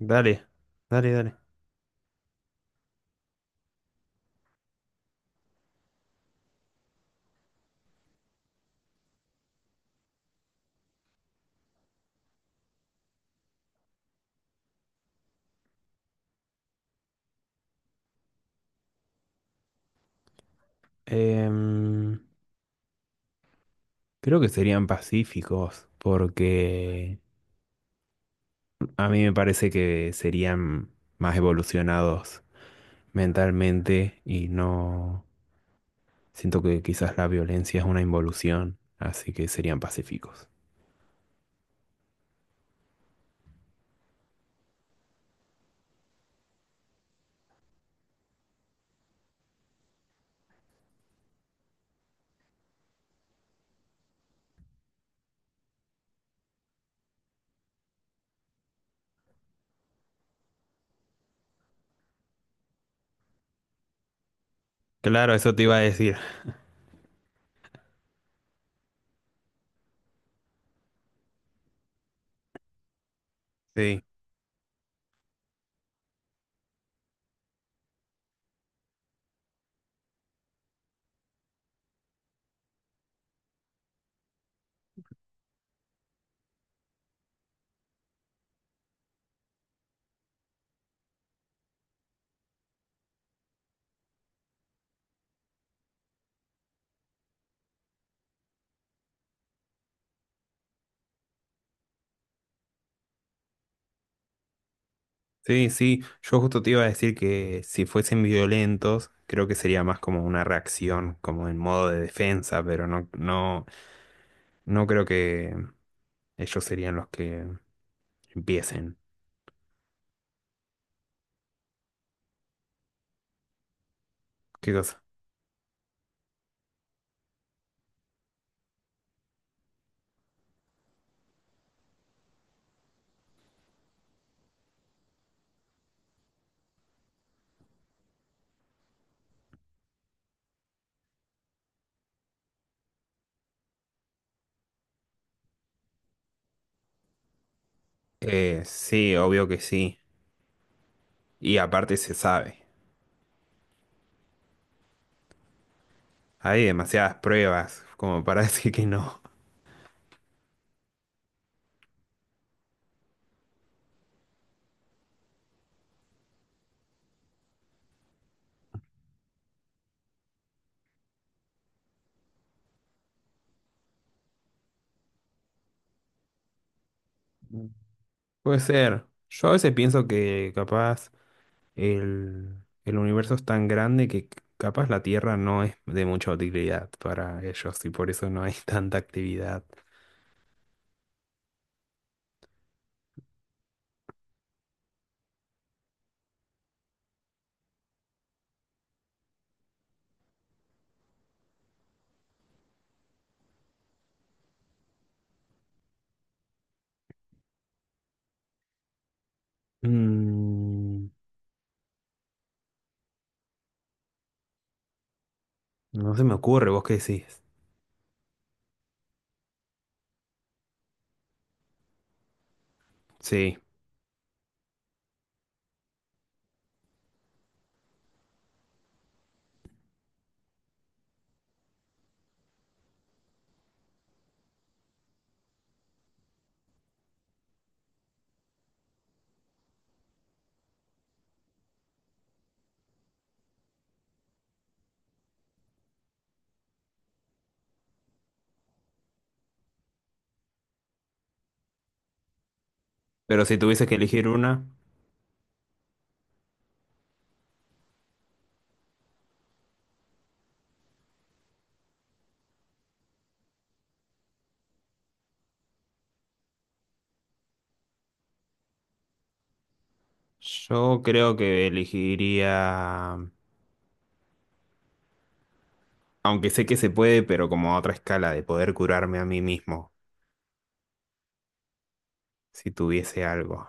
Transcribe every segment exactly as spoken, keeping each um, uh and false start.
Dale, dale, dale. Em, Creo que serían pacíficos, porque a mí me parece que serían más evolucionados mentalmente y no siento que quizás la violencia es una involución, así que serían pacíficos. Claro, eso te iba a decir. Sí, sí, sí. Yo justo te iba a decir que si fuesen violentos, creo que sería más como una reacción, como en modo de defensa, pero no, no, no creo que ellos serían los que empiecen. ¿Qué cosa? Eh, sí, obvio que sí. Y aparte se sabe. Hay demasiadas pruebas como para decir que no. Puede ser. Yo a veces pienso que capaz el, el universo es tan grande que capaz la Tierra no es de mucha utilidad para ellos y por eso no hay tanta actividad. Mm, no se me ocurre, ¿vos qué decís? Sí, pero si tuviese que elegir una, yo creo que elegiría... Aunque sé que se puede, pero como a otra escala de poder curarme a mí mismo, si tuviese algo.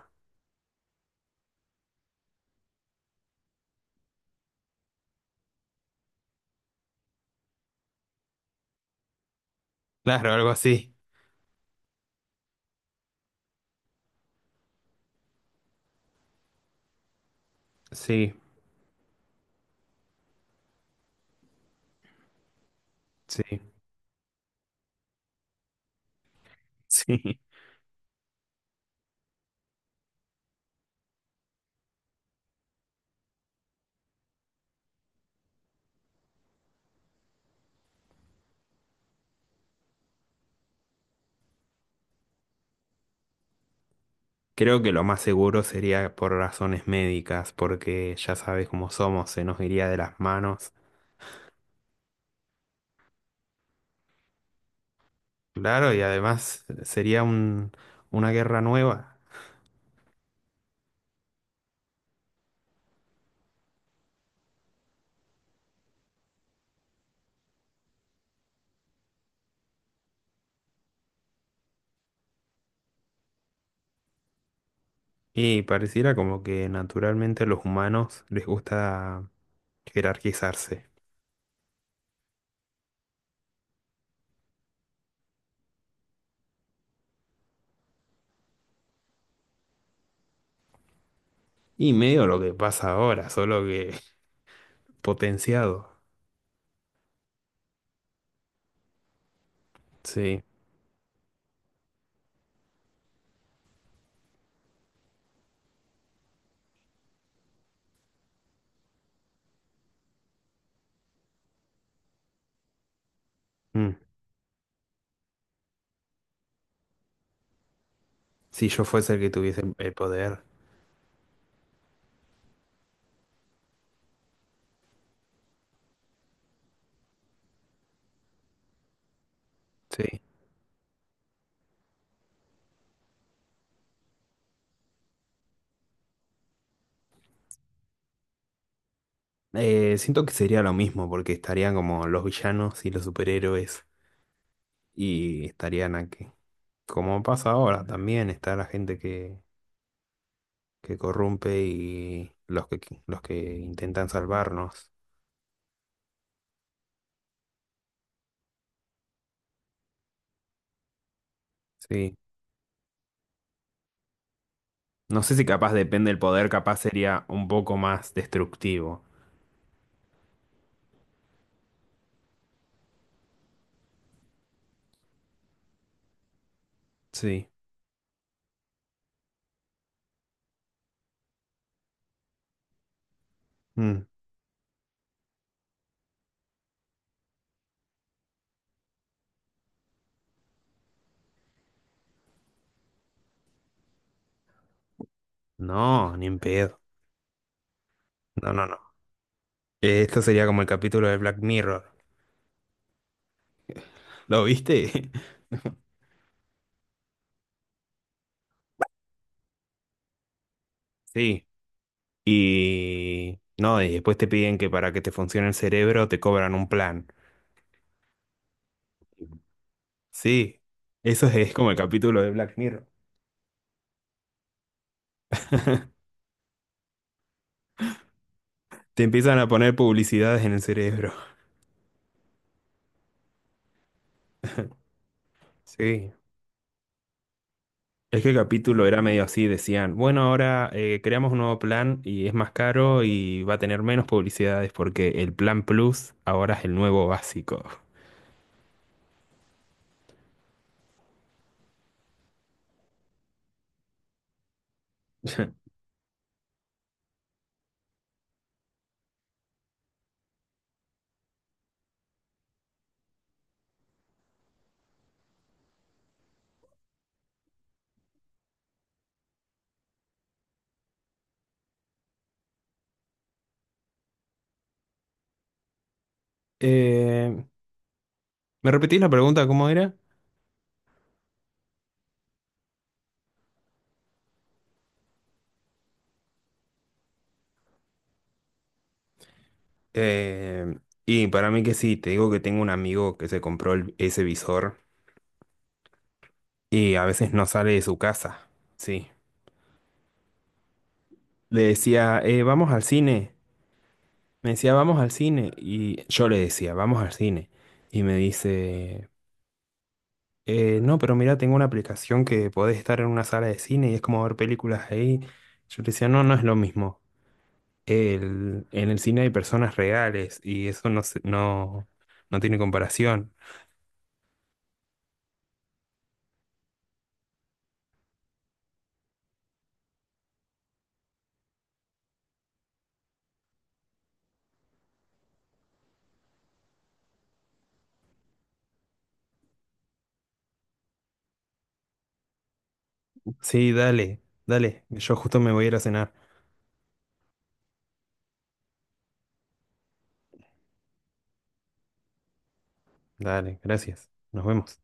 Claro, algo así. Sí, sí, sí. Creo que lo más seguro sería por razones médicas, porque ya sabes cómo somos, se nos iría de las manos. Claro, y además sería un, una guerra nueva. Y pareciera como que naturalmente a los humanos les gusta jerarquizarse. Y medio lo que pasa ahora, solo que potenciado. Sí. Mm. Si yo fuese el que tuviese el el poder, sí. Eh, siento que sería lo mismo, porque estarían como los villanos y los superhéroes, y estarían aquí. Como pasa ahora, también está la gente que, que corrompe y los que, los que intentan salvarnos. Sí. No sé si capaz depende del poder, capaz sería un poco más destructivo. Sí. Mm. No, ni en pedo. No, no, no. Eh, esto sería como el capítulo de Black Mirror. ¿Lo viste? Sí. Y no, y después te piden que para que te funcione el cerebro te cobran un plan. Sí, eso es, es como el capítulo de Black Mirror. Te empiezan a poner publicidades en el cerebro. Sí. Es que el capítulo era medio así, decían, bueno, ahora eh, creamos un nuevo plan y es más caro y va a tener menos publicidades porque el plan Plus ahora es el nuevo básico. Eh, ¿me repetís la pregunta cómo era? Eh, y para mí que sí, te digo que tengo un amigo que se compró el- ese visor y a veces no sale de su casa, sí. Le decía, "Eh, vamos al cine". Me decía, vamos al cine. Y yo le decía, vamos al cine. Y me dice, "Eh, no, pero mira, tengo una aplicación que podés estar en una sala de cine y es como ver películas ahí". Yo le decía, no, no es lo mismo. El- en el cine hay personas reales y eso no, se- no, no tiene comparación. Sí, dale, dale. Yo justo me voy a ir a cenar. Dale, gracias. Nos vemos.